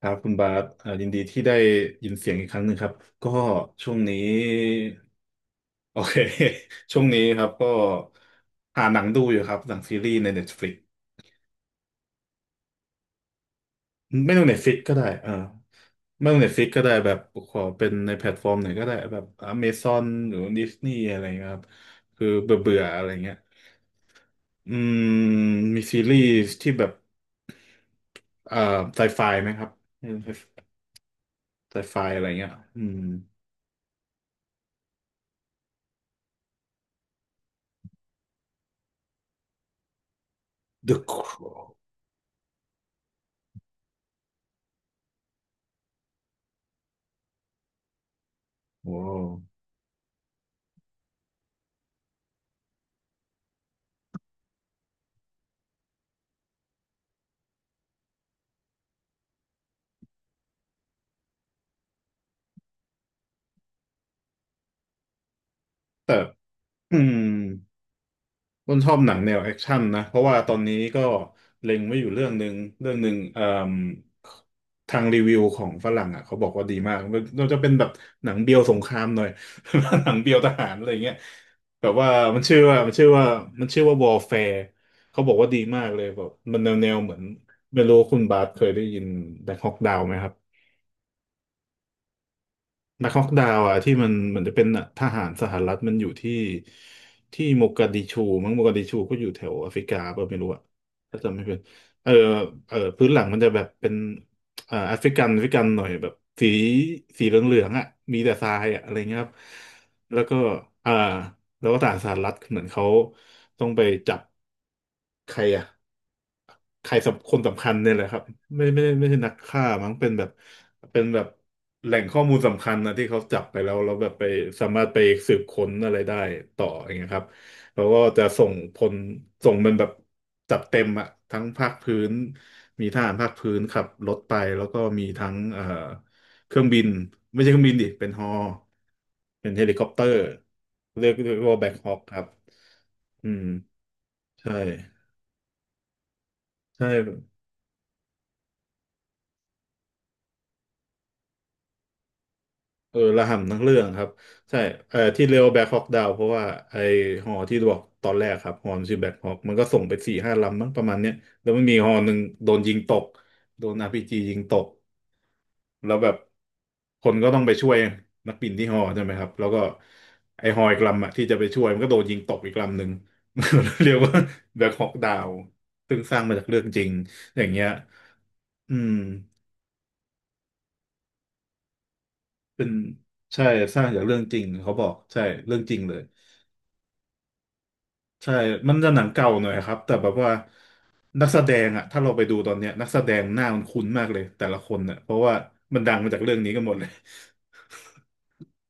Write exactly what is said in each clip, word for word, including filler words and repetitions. ครับคุณบาสเอ่อยินดีที่ได้ยินเสียงอีกครั้งหนึ่งครับก็ช่วงนี้โอเค ช่วงนี้ครับก็หาหนังดูอยู่ครับหนังซีรีส์ใน Netflix ไม่ต้อง Netflix ก็ได้เออไม่ต้อง Netflix ก็ได้แบบขอเป็นในแพลตฟอร์มไหนก็ได้แบบ Amazon หรือ Disney อะไรเงี้ยครับคือเบื่อเบื่ออะไรเงี้ยอืมมีซีรีส์ที่แบบเอ่อไซไฟไหมครับไซไฟอะไรเงี้ยอืม The Crown ว้าว อืมต้นชอบหนังแนวแอคชั่นนะเพราะว่าตอนนี้ก็เล็งไว้อยู่เรื่องหนึ่งเรื่องหนึ่งเอ่มทางรีวิวของฝรั่งอ่ะเขาบอกว่าดีมากมันมันจะเป็นแบบหนังเบียวสงครามหน่อย หนังเบียวทหารอะไรเงี้ยแบบว่ามันชื่อว่ามันชื่อว่ามันชื่อว่า Warfare เขาบอกว่าดีมากเลยแบบมันแนวแนวเหมือนไม่รู้คุณบาสเคยได้ยินแบงคอกดาวไหมครับ นักฮอกดาวอะที่มันเหมือนจะเป็นทหารสหรัฐมันอยู่ที่ที่โมกัดดิชูมั้งโมกัดดิชูก็อยู่แถวแอฟริกาเปล่าไม่รู้อ่ะถ้าจำไม่ผิดเออเออพื้นหลังมันจะแบบเป็นเอ่อแอฟริกันแอฟริกันหน่อยแบบสีสีเหลืองๆอะมีแต่ทรายอ่ะอะไรเงี้ยครับแล้วก็อ่าแล้วก็ทหารสหรัฐเหมือนเขาต้องไปจับใครอ่ะ ใครสำคนสำคัญเนี่ยแหละครับไม่ไม่ไม่ใช่นักฆ่ามั้งเป็นแบบเป็นแบบแหล่งข้อมูลสำคัญนะที่เขาจับไปแล้วแล้วแบบไปสามารถไปสืบค้นอะไรได้ต่ออย่างเงี้ยครับแล้วก็จะส่งพลส่งมันแบบจัดเต็มอะทั้งภาคพื้นมีทหารภาคพื้นขับรถไปแล้วก็มีทั้งเอ่อเครื่องบินไม่ใช่เครื่องบินดิเป็นฮอเป็นเฮลิคอปเตอร์เรียกเรียกว่าแบ็คฮอคครับอืมใช่ใช่ เออระห่ำทั้งเรื่องครับใช่เออที่เรียกว่าแบ็คฮอ k ดาวเพราะว่าไอหอที่บอกตอนแรกครับหอมันชื่อแบ็คฮอ k มันก็ส่งไปสี่ห้าลำมั้งประมาณเนี้ยแล้วมันมีหอหนึ่งโดนยิงตกโดนอาร์พีจียิงตกแล้วแบบคนก็ต้องไปช่วยนักบินที่หอใช่ไหมครับแล้วก็ไอหออีกลำอะที่จะไปช่วยมันก็โดนยิงตกอีกลำหนึ่ง เรียกว่าแบ็คฮอ k ดาวซึ่งสร้างมาจากเรื่องจริงอย่างเงี้ยอืมเป็นใช่สร้างจากเรื่องจริงเขาบอกใช่เรื่องจริงเลย ใช่มันจะหนังเก่าหน่อยครับ แต่แบบว่านักแสดงอะถ้าเราไปดูตอนเนี้ยนักแสดงหน้ามันคุ้นมากเลยแต่ละคนเนี่ยเพราะว่ามันดังมาจากเรื่องนี้กันหมดเลย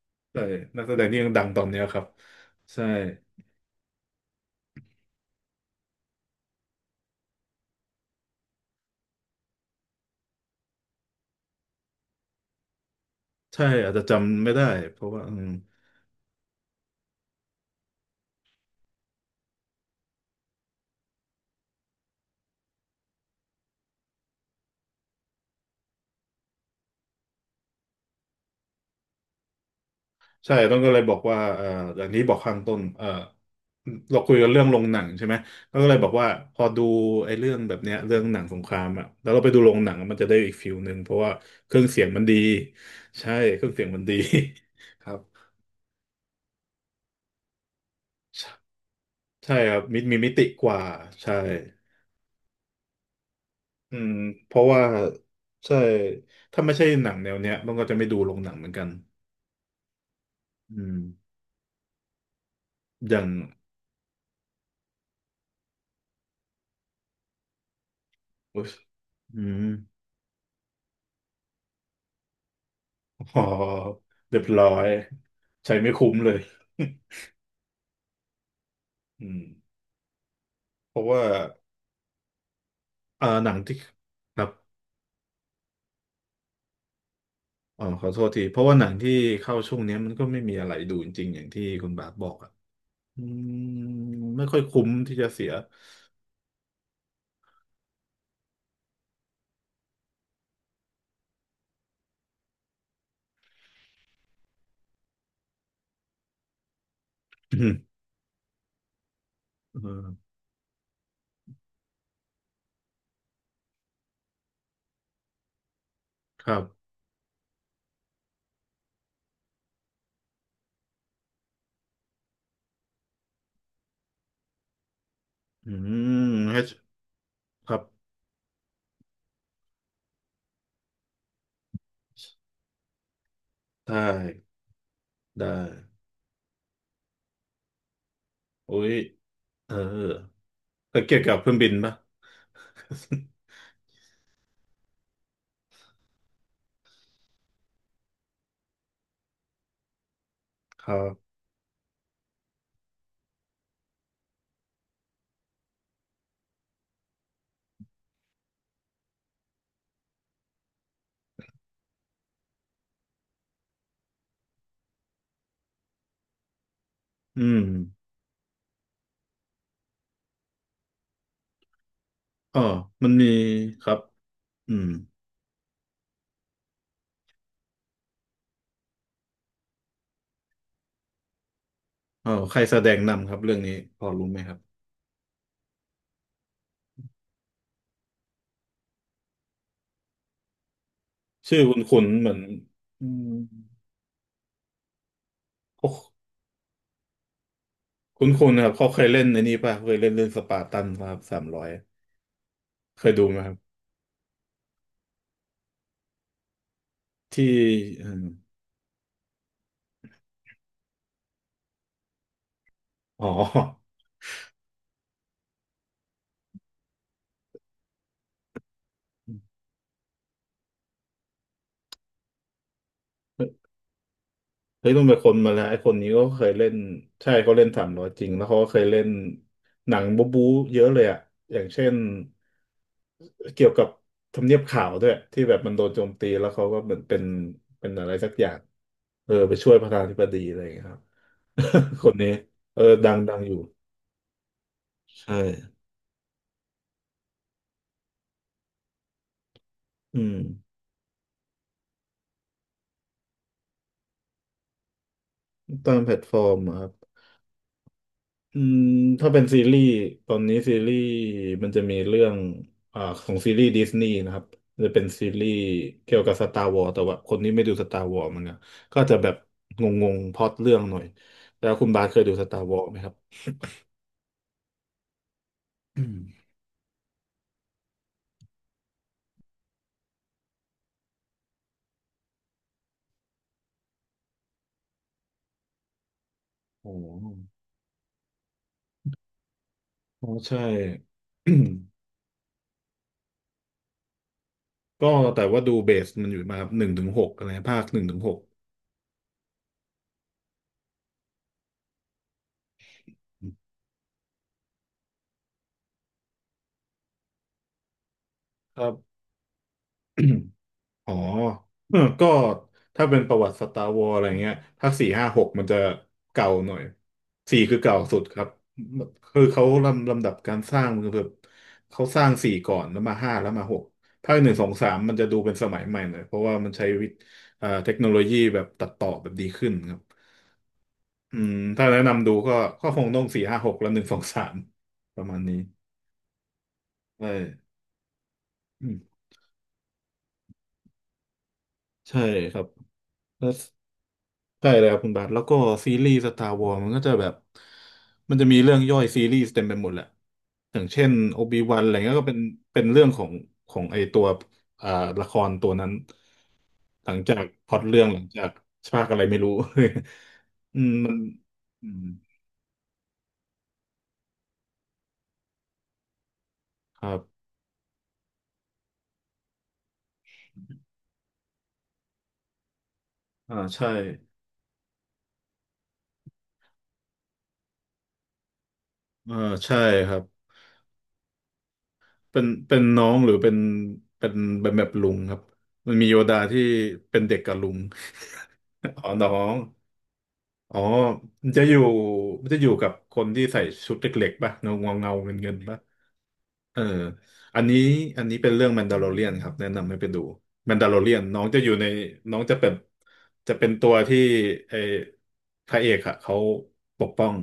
ใช่นักแสดงที่ยังดังตอนเนี้ยครับใช่ใช่อาจจะจำไม่ได้เพราะว่าอืมใช่ต้องก็เลยบอกว่าเอ่ออย่างนี้บอกข้างต้นเอ่อเราคุยกันเรื่องโรงหนังใช่ไหมแล้วก็เลยบอกว่าพอดูไอ้เรื่องแบบเนี้ยเรื่องหนังสงครามอ่ะแล้วเราไปดูโรงหนังอะมันจะได้อีกฟิลหนึ่งเพราะว่าเครื่องเสียงมันดีใช่เครื่องเสียงมันดี ครับ ใช่ใช่ครับมมีมิติกว่าใช่อืมเพราะว่าใช่ถ้าไม่ใช่หนังแนวเนี้ยมันก็จะไม่ดูลงหนังเหมือนกันอืมอย่างอุ๊ยอืมอ๋อเรียบร้อยใช้ไม่คุ้มเลย อืมเพราะว่าอ่าหนังที่ครับอ๋อขอโทษทีเพราะว่าหนังที่เข้าช่วงเนี้ยมันก็ไม่มีอะไรดูจริงๆอย่างที่คุณบาสบอกอ่ะอืมไม่ค่อยคุ้มที่จะเสีย อืมเออครับอืมให้ครับ ได้ได้อุ้ยเออแต่เกี่ยวกับเครื่องบินปะ ครับอืมอ๋อมันมีครับอืมอ๋อใครแสดงนำครับเรื่องนี้พอรู้ไหมครับชื่อคุณคุณเหมือนอืมเขาคุณคุณนะครับเขาเคยเล่นในนี้ป่ะเคยเล่นเล่นสปาร์ตันครับสามร้อยเคยดูไหมครับที่อมอ๋อ เฮ้ยต้องเป็นคนมาแล้วไอ้คนนี้ก็เคยเล่นใช่เขาเล่นสามร้อยจริงแล้วเขาก็เคยเล่นหนังบู๊บู๊เยอะเลยอะอย่างเช่นเกี่ยวกับทำเนียบขาวด้วยที่แบบมันโดนโจมตีแล้วเขาก็เหมือนเป็นเป็นอะไรสักอย่างเออไปช่วยประธานาธิบดีอะไรอย่างเงี้ยครับ คนนี้เออดังดังอยู่ใช่อืมตามแพลตฟอร์มอะครับ อืมถ้าเป็นซีรีส์ตอนนี้ซีรีส์มันจะมีเรื่องอ่าของซีรีส์ดิสนีย์นะครับมันจะเป็นซีรีส์เกี่ยวกับสตาร์วอ s แต่ว่าคนที่ไม่ดูสตาร์วอ s มันก็ก็จะแบบงงๆพล็อตเรื่องหน่อยแล้วคุณบาสเคยดูสตาร์วอ s ไหมครับอืมโอ้โอ้ใช่ ก็แต่ว่าดูเบสมันอยู่มาหนึ่งถึงหกอะไรภาคหนึ่งถึงหกครับ อ๋อเออก็ถ้าเป็นประวัติสตาร์วอ s อะไรเงี้ยภาคสี่ห้าหกมันจะเก่าหน่อยสี่คือเก่าสุดครับ คือเขาลำลำดับการสร้างคือแบบเขาสร้างสี่ก่อนแล้วมาห้าแล้วมาหกภาคหนึ่งสองสามมันจะดูเป็นสมัยใหม่หน่อยเพราะว่ามันใช้วิทย์เอ่อเทคโนโลยีแบบตัดต่อแบบดีขึ้นครับอืมถ้าแนะนำดูก็ก็คงต้องสี่ห้าหกแล้วหนึ่งสองสามประมาณนี้ใช่อืมใช่ครับ ใช่เลยครับคุณบาทแล้วก็ซีรีส์สตาร์วอ s มันก็จะแบบมันจะมีเรื่องย่อยซีรีส์เต็มไปหมดแหละอย่างเช่นโอบิวันอะไรเงี้ยก็เป็นเป็นเรื่องของของไอตัวอ่าละครตัวนั้นหลังจากพล็อตเรื่องหลังจากภาคอะไรไม่รู้ อืมมันอืมครับอ่าใช่อ่าใช่ครับเป็นเป็นน้องหรือเป็นเป็นแบบแบบลุงครับมันมีโยดาที่เป็นเด็กกับลุง อ๋อน้อง อ๋อมันจะอยู่มันจะอยู่กับคนที่ใส่ชุดเล็กๆป่ะเงาเงาเงาเงินเงินๆป่ะเอออันนี้อันนี้เป็นเรื่องแมนดา l ลเรียนครับแนะนำให้ไปดูแมนดา l ลเรียนน้องจะอยู่ในน้องจะเป็นจะเป็นตัวที่ไอ้พระเอกอะเขาปกป้อง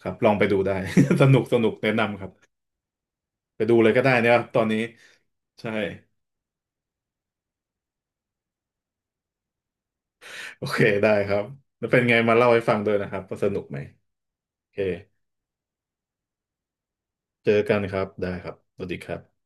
ครับลองไปดูได้ สนุกสนุกแนะนำครับไปดูเลยก็ได้นะครับตอนนี้ใช่โอเคได้ครับแล้วเป็นไงมาเล่าให้ฟังด้วยนะครับว่าสนุกไหมโอเคเจอกันครับได้ครับสวัสดีครับ